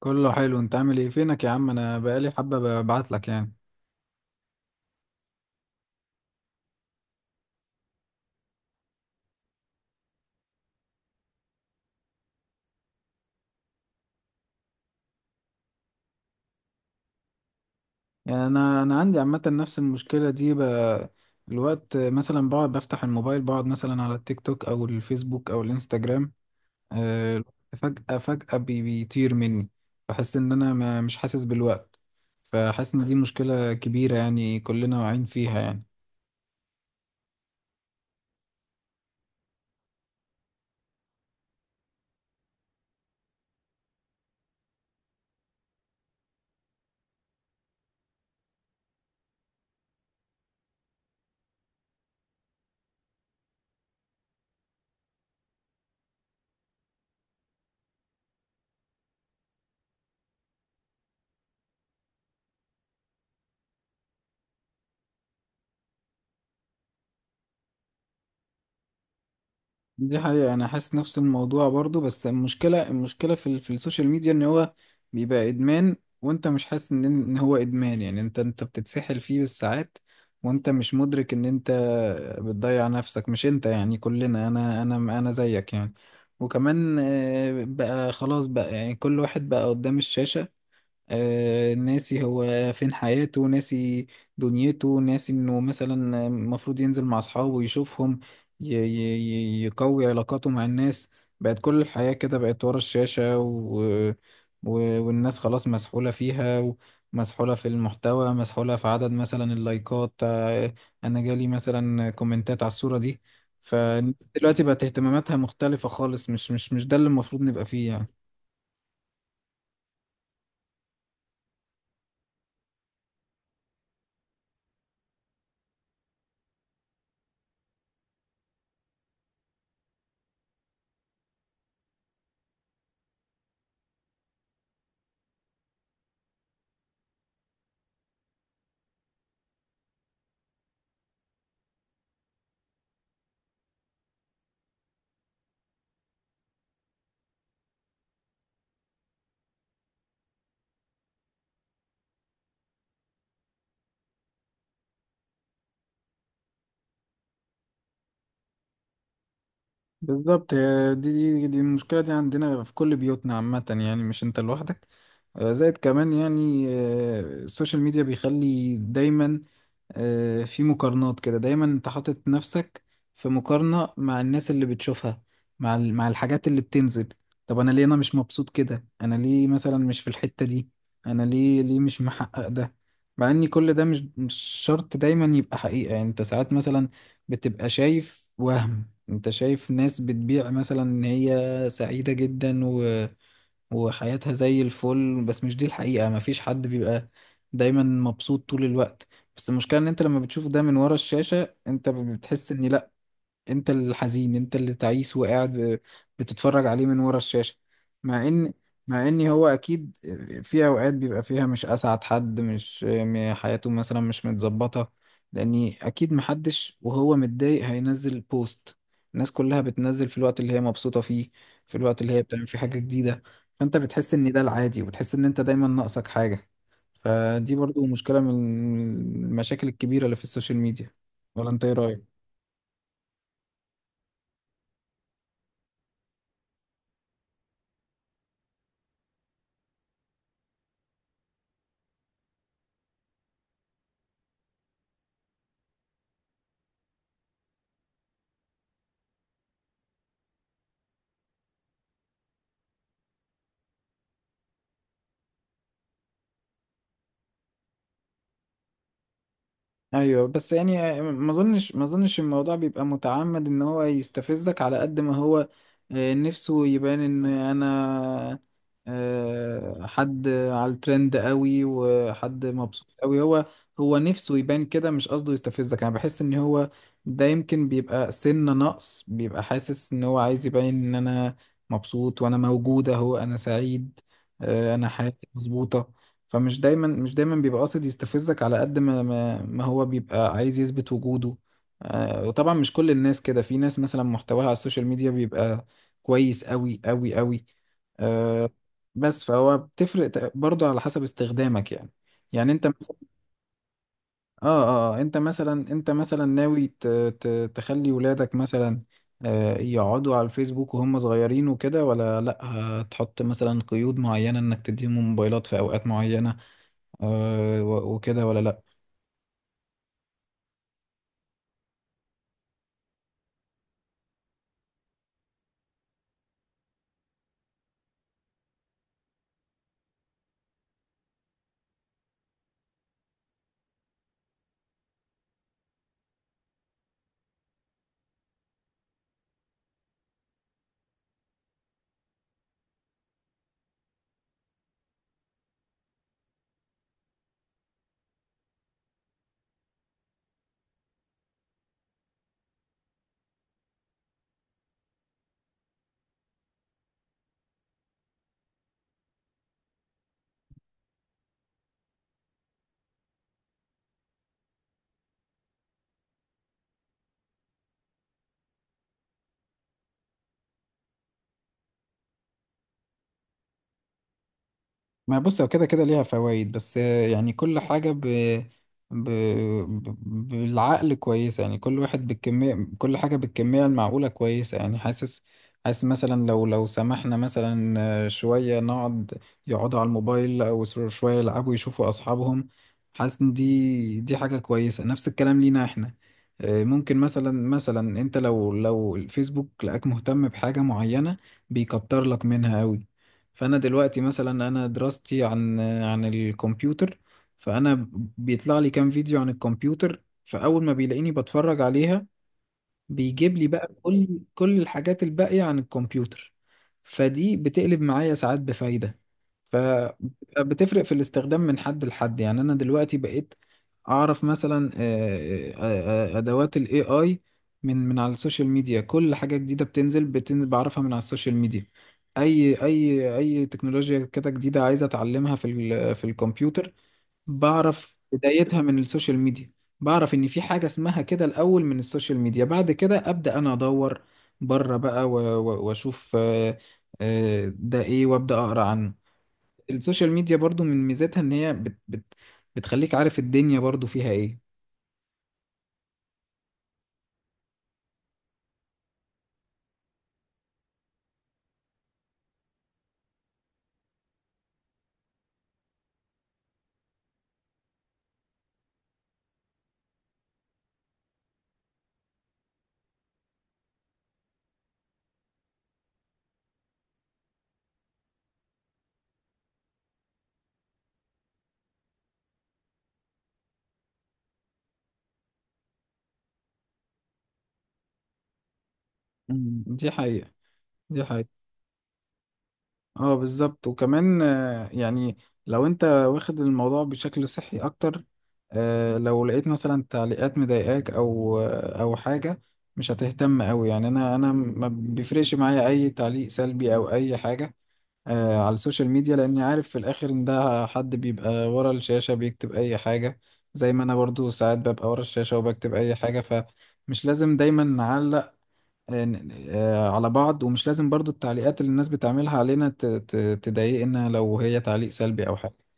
كله حلو، انت عامل ايه؟ فينك يا عم؟ انا بقالي حبة ببعت لك يعني. يعني انا عندي عامة نفس المشكلة دي الوقت، مثلا بقعد بفتح الموبايل، بقعد مثلا على التيك توك او الفيسبوك او الانستجرام. الوقت فجأة بيطير مني. بحس ان انا ما مش حاسس بالوقت. فحاسس ان دي مشكلة كبيرة، يعني كلنا واعيين فيها يعني. دي حقيقة، أنا حاسس نفس الموضوع برضو. بس المشكلة، في السوشيال ميديا، إن هو بيبقى إدمان، وأنت مش حاسس إن هو إدمان. يعني أنت بتتسحل فيه بالساعات وأنت مش مدرك إن أنت بتضيع نفسك. مش أنت يعني، كلنا، أنا زيك يعني. وكمان بقى خلاص بقى، يعني كل واحد بقى قدام الشاشة، ناسي هو فين حياته، ناسي دنيته، ناسي انه مثلا المفروض ينزل مع اصحابه ويشوفهم، ي- ي- يقوي علاقاته مع الناس. بقت كل الحياة كده بقت ورا الشاشة و... والناس خلاص مسحولة فيها، ومسحولة في المحتوى، مسحولة في عدد مثلا اللايكات. انا جالي مثلا كومنتات على الصورة دي. فدلوقتي بقت اهتماماتها مختلفة خالص. مش ده اللي المفروض نبقى فيه يعني. بالظبط، هي دي. دي المشكلة دي عندنا في كل بيوتنا عامة، يعني مش انت لوحدك. زائد كمان يعني، السوشيال ميديا بيخلي دايما في مقارنات كده. دايما انت حاطط نفسك في مقارنة مع الناس اللي بتشوفها، مع الحاجات اللي بتنزل. طب انا ليه انا مش مبسوط كده؟ انا ليه مثلا مش في الحتة دي؟ انا ليه مش محقق ده؟ مع ان كل ده مش شرط دايما يبقى حقيقة. يعني انت ساعات مثلا بتبقى شايف وهم. انت شايف ناس بتبيع مثلا ان هي سعيدة جدا، وحياتها زي الفل، بس مش دي الحقيقة. مفيش حد بيبقى دايما مبسوط طول الوقت. بس المشكلة ان انت لما بتشوف ده من ورا الشاشة، انت بتحس ان لا، انت الحزين، انت اللي تعيس وقاعد بتتفرج عليه من ورا الشاشة. مع ان مع ان هو اكيد في اوقات بيبقى فيها مش اسعد حد، مش م- حياته مثلا مش متظبطة، لاني اكيد محدش وهو متضايق هينزل بوست. الناس كلها بتنزل في الوقت اللي هي مبسوطة فيه، في الوقت اللي هي بتعمل فيه حاجة جديدة. فانت بتحس ان ده العادي، وبتحس ان انت دايما ناقصك حاجة. فدي برضو مشكلة من المشاكل الكبيرة اللي في السوشيال ميديا، ولا انت ايه رأيك؟ ايوه، بس يعني ما اظنش الموضوع بيبقى متعمد ان هو يستفزك، على قد ما هو نفسه يبان ان انا حد على الترند قوي، وحد مبسوط قوي. هو نفسه يبان كده، مش قصده يستفزك. انا بحس ان هو ده يمكن بيبقى سنة نقص، بيبقى حاسس ان هو عايز يبين ان انا مبسوط، وانا موجود اهو، انا سعيد، انا حياتي مظبوطة. فمش دايما، مش دايما بيبقى قاصد يستفزك، على قد ما هو بيبقى عايز يثبت وجوده. وطبعا مش كل الناس كده، في ناس مثلا محتواها على السوشيال ميديا بيبقى كويس قوي. قوي آه، بس، فهو بتفرق برضه على حسب استخدامك يعني. يعني انت مثلا، اه. اه، انت مثلا، ناوي تخلي ولادك مثلا يقعدوا على الفيسبوك وهم صغيرين وكده، ولا لا هتحط مثلا قيود معينة انك تديهم موبايلات في اوقات معينة وكده، ولا لا؟ ما بص، هو كده كده ليها فوائد، بس يعني كل حاجة ب... ب... بالعقل كويسة. يعني كل واحد بالكمية، كل حاجة بالكمية المعقولة كويسة. يعني حاسس مثلا، لو سمحنا مثلا شوية، نقعد، يقعدوا على الموبايل، أو شوية يلعبوا يشوفوا أصحابهم. حاسس إن دي حاجة كويسة. نفس الكلام لينا إحنا. ممكن مثلا، أنت لو الفيسبوك لقاك مهتم بحاجة معينة، بيكتر لك منها أوي. فانا دلوقتي مثلا، انا دراستي عن الكمبيوتر، فانا بيطلع لي كام فيديو عن الكمبيوتر، فاول ما بيلاقيني بتفرج عليها، بيجيب لي بقى كل الحاجات الباقية عن الكمبيوتر. فدي بتقلب معايا ساعات بفايدة. فبتفرق في الاستخدام من حد لحد يعني. أنا دلوقتي بقيت أعرف مثلا، أدوات ال AI من على السوشيال ميديا. كل حاجة جديدة بتنزل بعرفها من على السوشيال ميديا. أي تكنولوجيا كده جديدة عايزة أتعلمها في الكمبيوتر، بعرف بدايتها من السوشيال ميديا. بعرف ان في حاجة اسمها كده الاول من السوشيال ميديا، بعد كده ابدا انا ادور بره بقى واشوف ده ايه، وابدا اقرا عنه. السوشيال ميديا برضو من ميزاتها ان هي بت بت بتخليك عارف الدنيا برضو فيها ايه. مم. دي حقيقة، دي حقيقة اه بالظبط. وكمان يعني لو انت واخد الموضوع بشكل صحي اكتر، لو لقيت مثلا تعليقات مضايقاك او او حاجه، مش هتهتم قوي. يعني انا، ما بيفرقش معايا اي تعليق سلبي او اي حاجه على السوشيال ميديا، لاني عارف في الاخر ان ده حد بيبقى ورا الشاشه بيكتب اي حاجه، زي ما انا برضو ساعات ببقى ورا الشاشه وبكتب اي حاجه. فمش لازم دايما نعلق على بعض، ومش لازم برضو التعليقات اللي الناس بتعملها علينا تضايقنا لو هي تعليق سلبي او حاجة.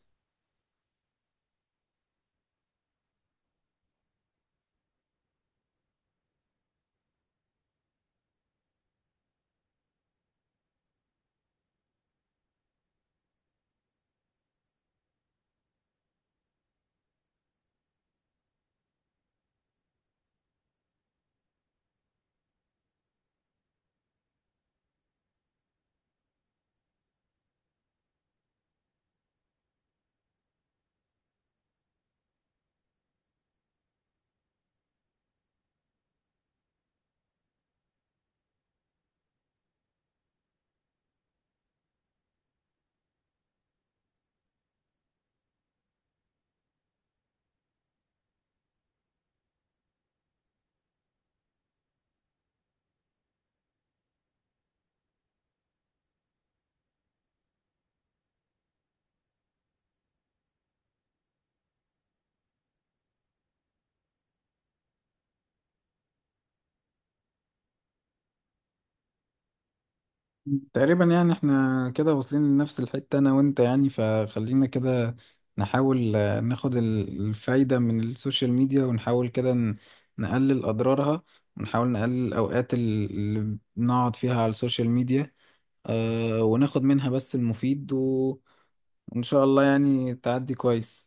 تقريبا يعني احنا كده واصلين لنفس الحتة، انا وانت يعني. فخلينا كده نحاول ناخد الفايدة من السوشيال ميديا، ونحاول كده نقلل اضرارها، ونحاول نقلل الاوقات اللي بنقعد فيها على السوشيال ميديا، وناخد منها بس المفيد وان شاء الله يعني تعدي كويس.